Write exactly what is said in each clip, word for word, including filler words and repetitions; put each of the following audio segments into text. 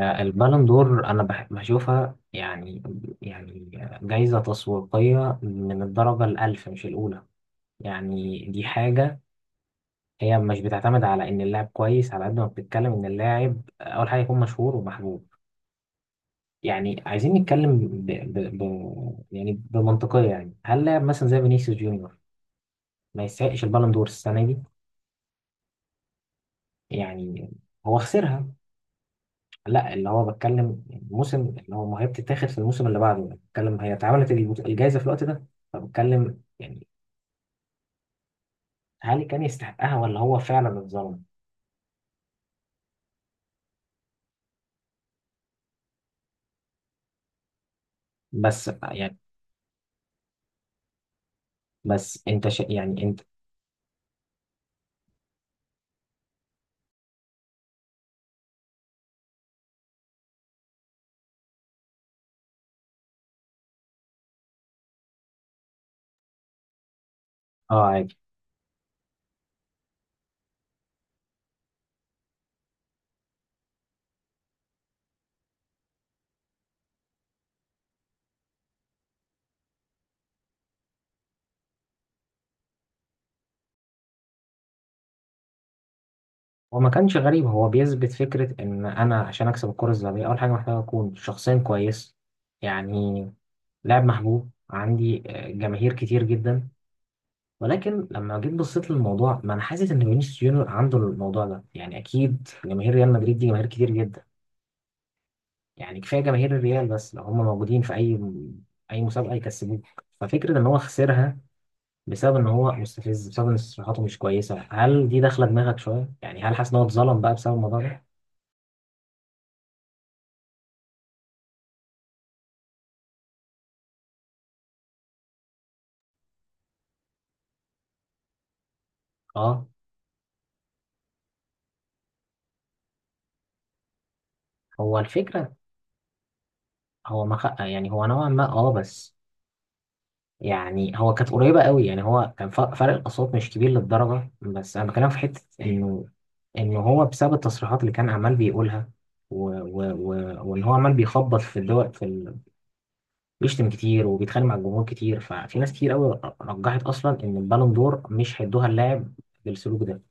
البالون دور انا بح- بشوفها يعني يعني جايزة تسويقية من الدرجة الألف مش الأولى. يعني دي حاجة. هي مش بتعتمد على إن اللاعب كويس على قد ما بتتكلم إن اللاعب أول حاجة يكون مشهور ومحبوب. يعني عايزين نتكلم ب... ب... ب... يعني بمنطقية. يعني هل لاعب مثلا زي فينيسيوس جونيور ما يستحقش البالون دور السنة دي؟ يعني هو خسرها. لا، اللي هو بتكلم الموسم، اللي هو ما هي بتتاخد في الموسم اللي بعده، بتكلم هي اتعملت الجائزة في الوقت ده، فبتكلم يعني هل كان يستحقها ولا هو فعلا اتظلم. بس يعني، بس انت ش... يعني انت. اه، عادي. هو ما كانش غريب، هو بيثبت فكرة ان انا عشان اكسب الكرة الذهبية اول حاجة محتاج اكون شخصيا كويس، يعني لاعب محبوب عندي، آه، جماهير كتير جدا. ولكن لما جيت بصيت للموضوع، ما انا حاسس ان فينيسيوس جونيور عنده الموضوع ده. يعني اكيد جماهير ريال مدريد دي جماهير كتير جدا، يعني كفايه جماهير الريال بس لو هم موجودين في اي اي مسابقه يكسبوك. ففكره ان هو خسرها بسبب ان هو مستفز، بسبب ان تصريحاته مش كويسه، هل دي داخله دماغك شويه؟ يعني هل حاسس ان هو اتظلم بقى بسبب الموضوع ده؟ اه، هو الفكره. هو ما خ... يعني هو نوعا ما، اه، بس يعني هو كانت قريبة قوي. يعني هو كان ف- فرق الأصوات مش كبير للدرجة. بس أنا بكلم في حتة إنه إنه هو بسبب التصريحات اللي كان عمال بيقولها، و... و... و... وإن هو عمال بيخبط في الدول، في ال... بيشتم كتير وبيتخانق مع الجمهور كتير، ففي ناس كتير قوي رجحت أصلا إن البالون دور مش هيدوها اللاعب بالسلوك ده،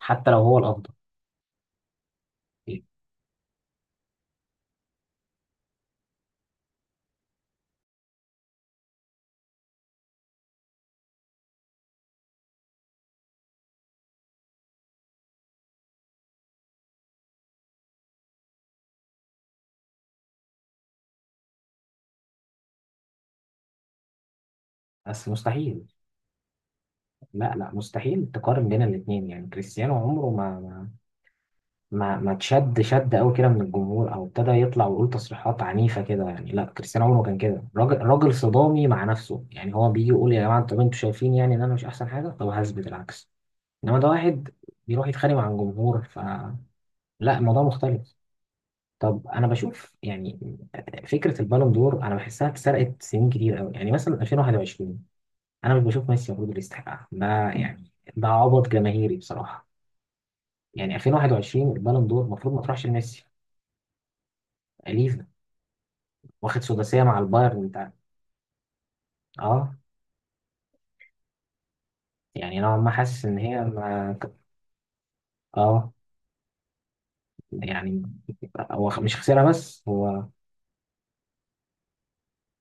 حتى لو هو الأفضل. بس مستحيل. لا، لا، مستحيل تقارن بين الاتنين. يعني كريستيانو عمره ما ما ما تشد شد قوي كده من الجمهور، او ابتدى يطلع ويقول تصريحات عنيفه كده. يعني لا، كريستيانو عمره ما كان كده، راجل، راجل صدامي مع نفسه. يعني هو بيجي يقول يا جماعه طب انتوا شايفين يعني ان انا مش احسن حاجه، طب هثبت العكس. انما ده واحد بيروح يتخانق مع الجمهور، فلا، الموضوع مختلف. طب انا بشوف يعني فكره البالون دور انا بحسها اتسرقت سنين كتير قوي. يعني مثلا ألفين وواحد وعشرين انا مش بشوف ميسي المفروض اللي يستحقها، ده يعني ده عبط جماهيري بصراحه. يعني ألفين وواحد وعشرين البالون دور المفروض ما تروحش لميسي. ليه؟ واخد سداسية مع البايرن بتاع. اه. يعني نوعا ما حاسس ان هي ما ك- اه، يعني هو خ- مش خسرها بس هو،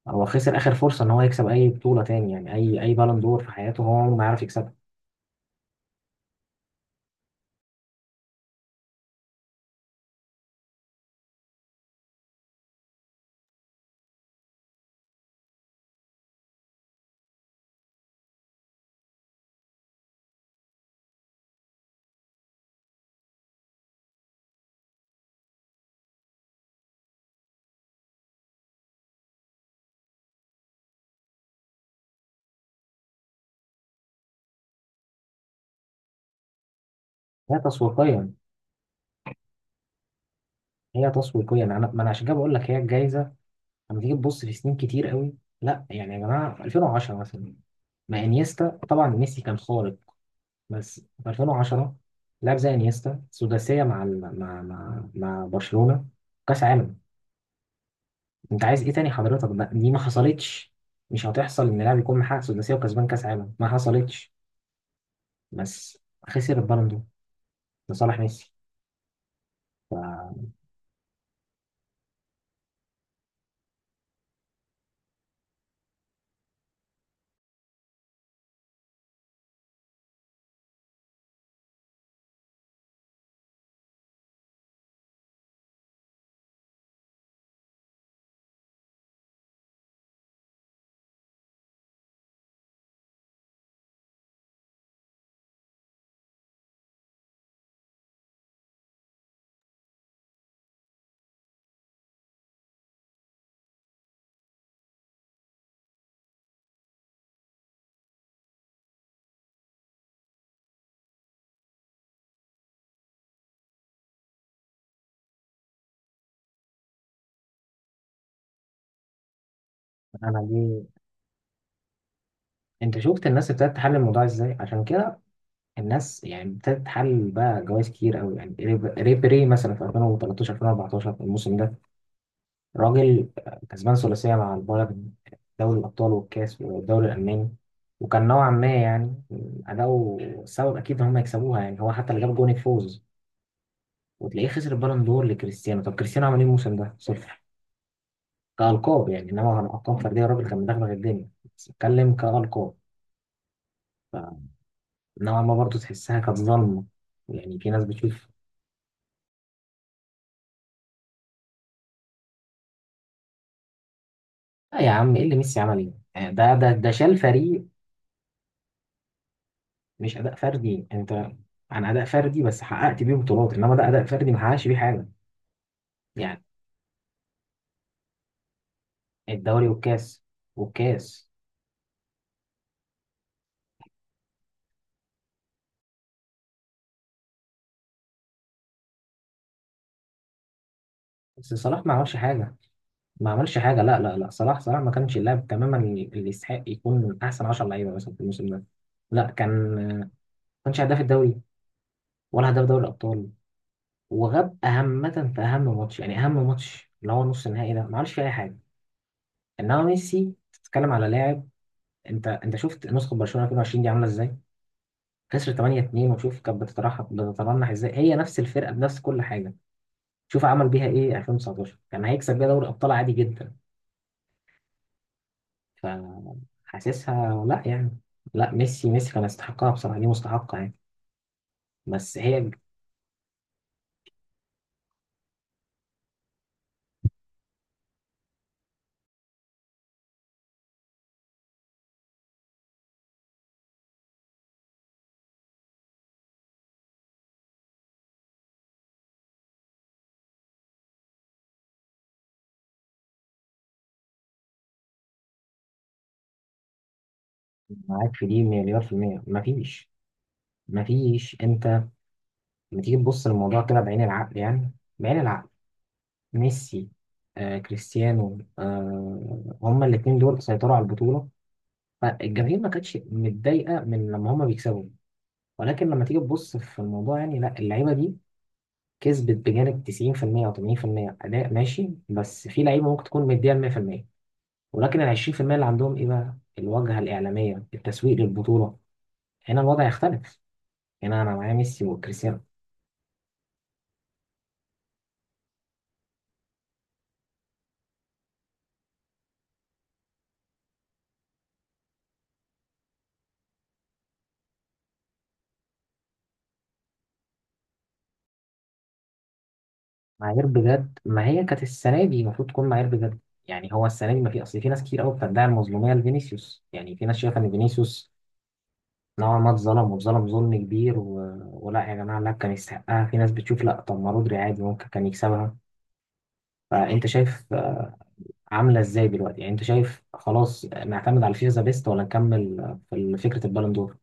هو خسر اخر فرصة ان هو يكسب اي بطولة تاني. يعني اي اي بالون دور في حياته هو عمره ما يعرف يكسبها. هي تسويقيا هي تسويقيا انا، ما انا عشان كده بقول لك هي الجايزة. لما تيجي تبص في سنين كتير قوي، لا يعني يا جماعة، ألفين وعشرة مثلا، ما انيستا، طبعا ميسي كان خارق بس في ألفين وعشرة لاعب زي انيستا سداسية مع ال- مع مع مع برشلونة، كاس عالم، انت عايز ايه تاني حضرتك؟ ده دي ما حصلتش، مش هتحصل ان لاعب يكون محقق سداسيه وكسبان كاس عالم، ما حصلتش، بس خسر البالون دور لصالح ميسي. فانا دي، انت شفت الناس ابتدت تحلل الموضوع ازاي؟ عشان كده الناس يعني ابتدت تحلل بقى جوائز كتير قوي. يعني ريب- ريبيري مثلا في ألفين وتلتاشر ألفين واربعتاشر الموسم ده، راجل كسبان ثلاثيه مع البايرن، دوري الابطال والكاس والدوري الالماني، وكان نوعا ما يعني اداؤه سبب اكيد ان هم يكسبوها، يعني هو حتى اللي جاب جون الفوز، وتلاقيه خسر البالون دور لكريستيانو. طب كريستيانو عمل ايه الموسم ده؟ صفر كألقاب يعني، انما عن ألقاب فردية الراجل كان مدغدغ الدنيا، بس بتكلم كألقاب، فنوعا ما برضه تحسها كانت ظلمة. يعني في ناس بتشوف، لا يا عم، ايه اللي ميسي عمل ايه؟ يعني ده ده ده شال فريق، مش أداء فردي، انت عن أداء فردي بس حققت بيه بطولات، انما ده أداء فردي ما حققش بيه حاجة يعني. الدوري والكاس والكاس. بس صلاح ما عملش حاجة، ما عملش حاجه. لا، لا، لا، صلاح، صلاح ما كانش اللاعب تماما اللي يستحق يكون من احسن عشرة لعيبه مثلا في الموسم ده. لا كان، ما كانش هداف الدوري، ولا هداف دوري الابطال، وغاب اهمه في اهم ماتش، يعني اهم ماتش اللي هو نص النهائي ده ما عملش فيه اي حاجه. انما ميسي، تتكلم على لاعب، انت انت شفت نسخه برشلونه ألفين وعشرين دي عامله ازاي، خسر تمانية اتنين. وشوف كانت بتترحم بتترنح ازاي، هي نفس الفرقه بنفس كل حاجه. شوف عمل بيها ايه ألفين وتسعتاشر، كان هيكسب بيها دوري ابطال عادي جدا. فحاسسها لا يعني، لا، ميسي، ميسي كان يستحقها بصراحة، دي مستحقة يعني، بس هي، معاك في دي مليار في المية، مفيش مفيش انت لما تيجي تبص للموضوع كده بعين العقل، يعني بعين العقل، ميسي آه، كريستيانو آه، هما الاتنين دول سيطروا على البطولة، فالجماهير ما كانتش متضايقة من لما هما بيكسبوا. ولكن لما تيجي تبص في الموضوع يعني لا، اللعيبة دي كسبت بجانب تسعين في المية أو ثمانين في المية أداء ماشي، بس في لعيبة ممكن تكون مديها مئة في المية، ولكن ال عشرين في المية اللي عندهم ايه بقى؟ الواجهه الاعلاميه، التسويق للبطوله، هنا الوضع يختلف، هنا انا معايا ميسي وكريستيانو. معايير بجد، ما هي كانت السنه دي المفروض تكون معايير بجد. يعني هو السنه دي ما في، اصل في ناس كتير قوي بتدعي المظلوميه لفينيسيوس، يعني في ناس شايفه ان فينيسيوس نوعا ما اتظلم، واتظلم ظلم كبير، و... ولا يا جماعه لا، كان يستحقها. في ناس بتشوف لا، طب ما رودري عادي ممكن كان يكسبها. فانت شايف آه، عامله ازاي دلوقتي؟ يعني انت شايف خلاص آه، نعتمد على الفيفا ذا بيست ولا نكمل آه، في فكره البالون دور؟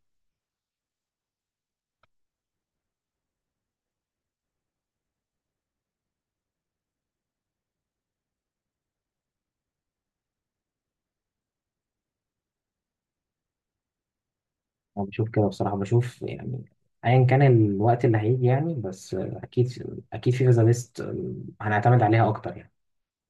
انا بشوف كده بصراحه، بشوف يعني ايا كان الوقت اللي هيجي، يعني بس آه، اكيد اكيد فيفا ذا بيست هنعتمد عليها اكتر يعني.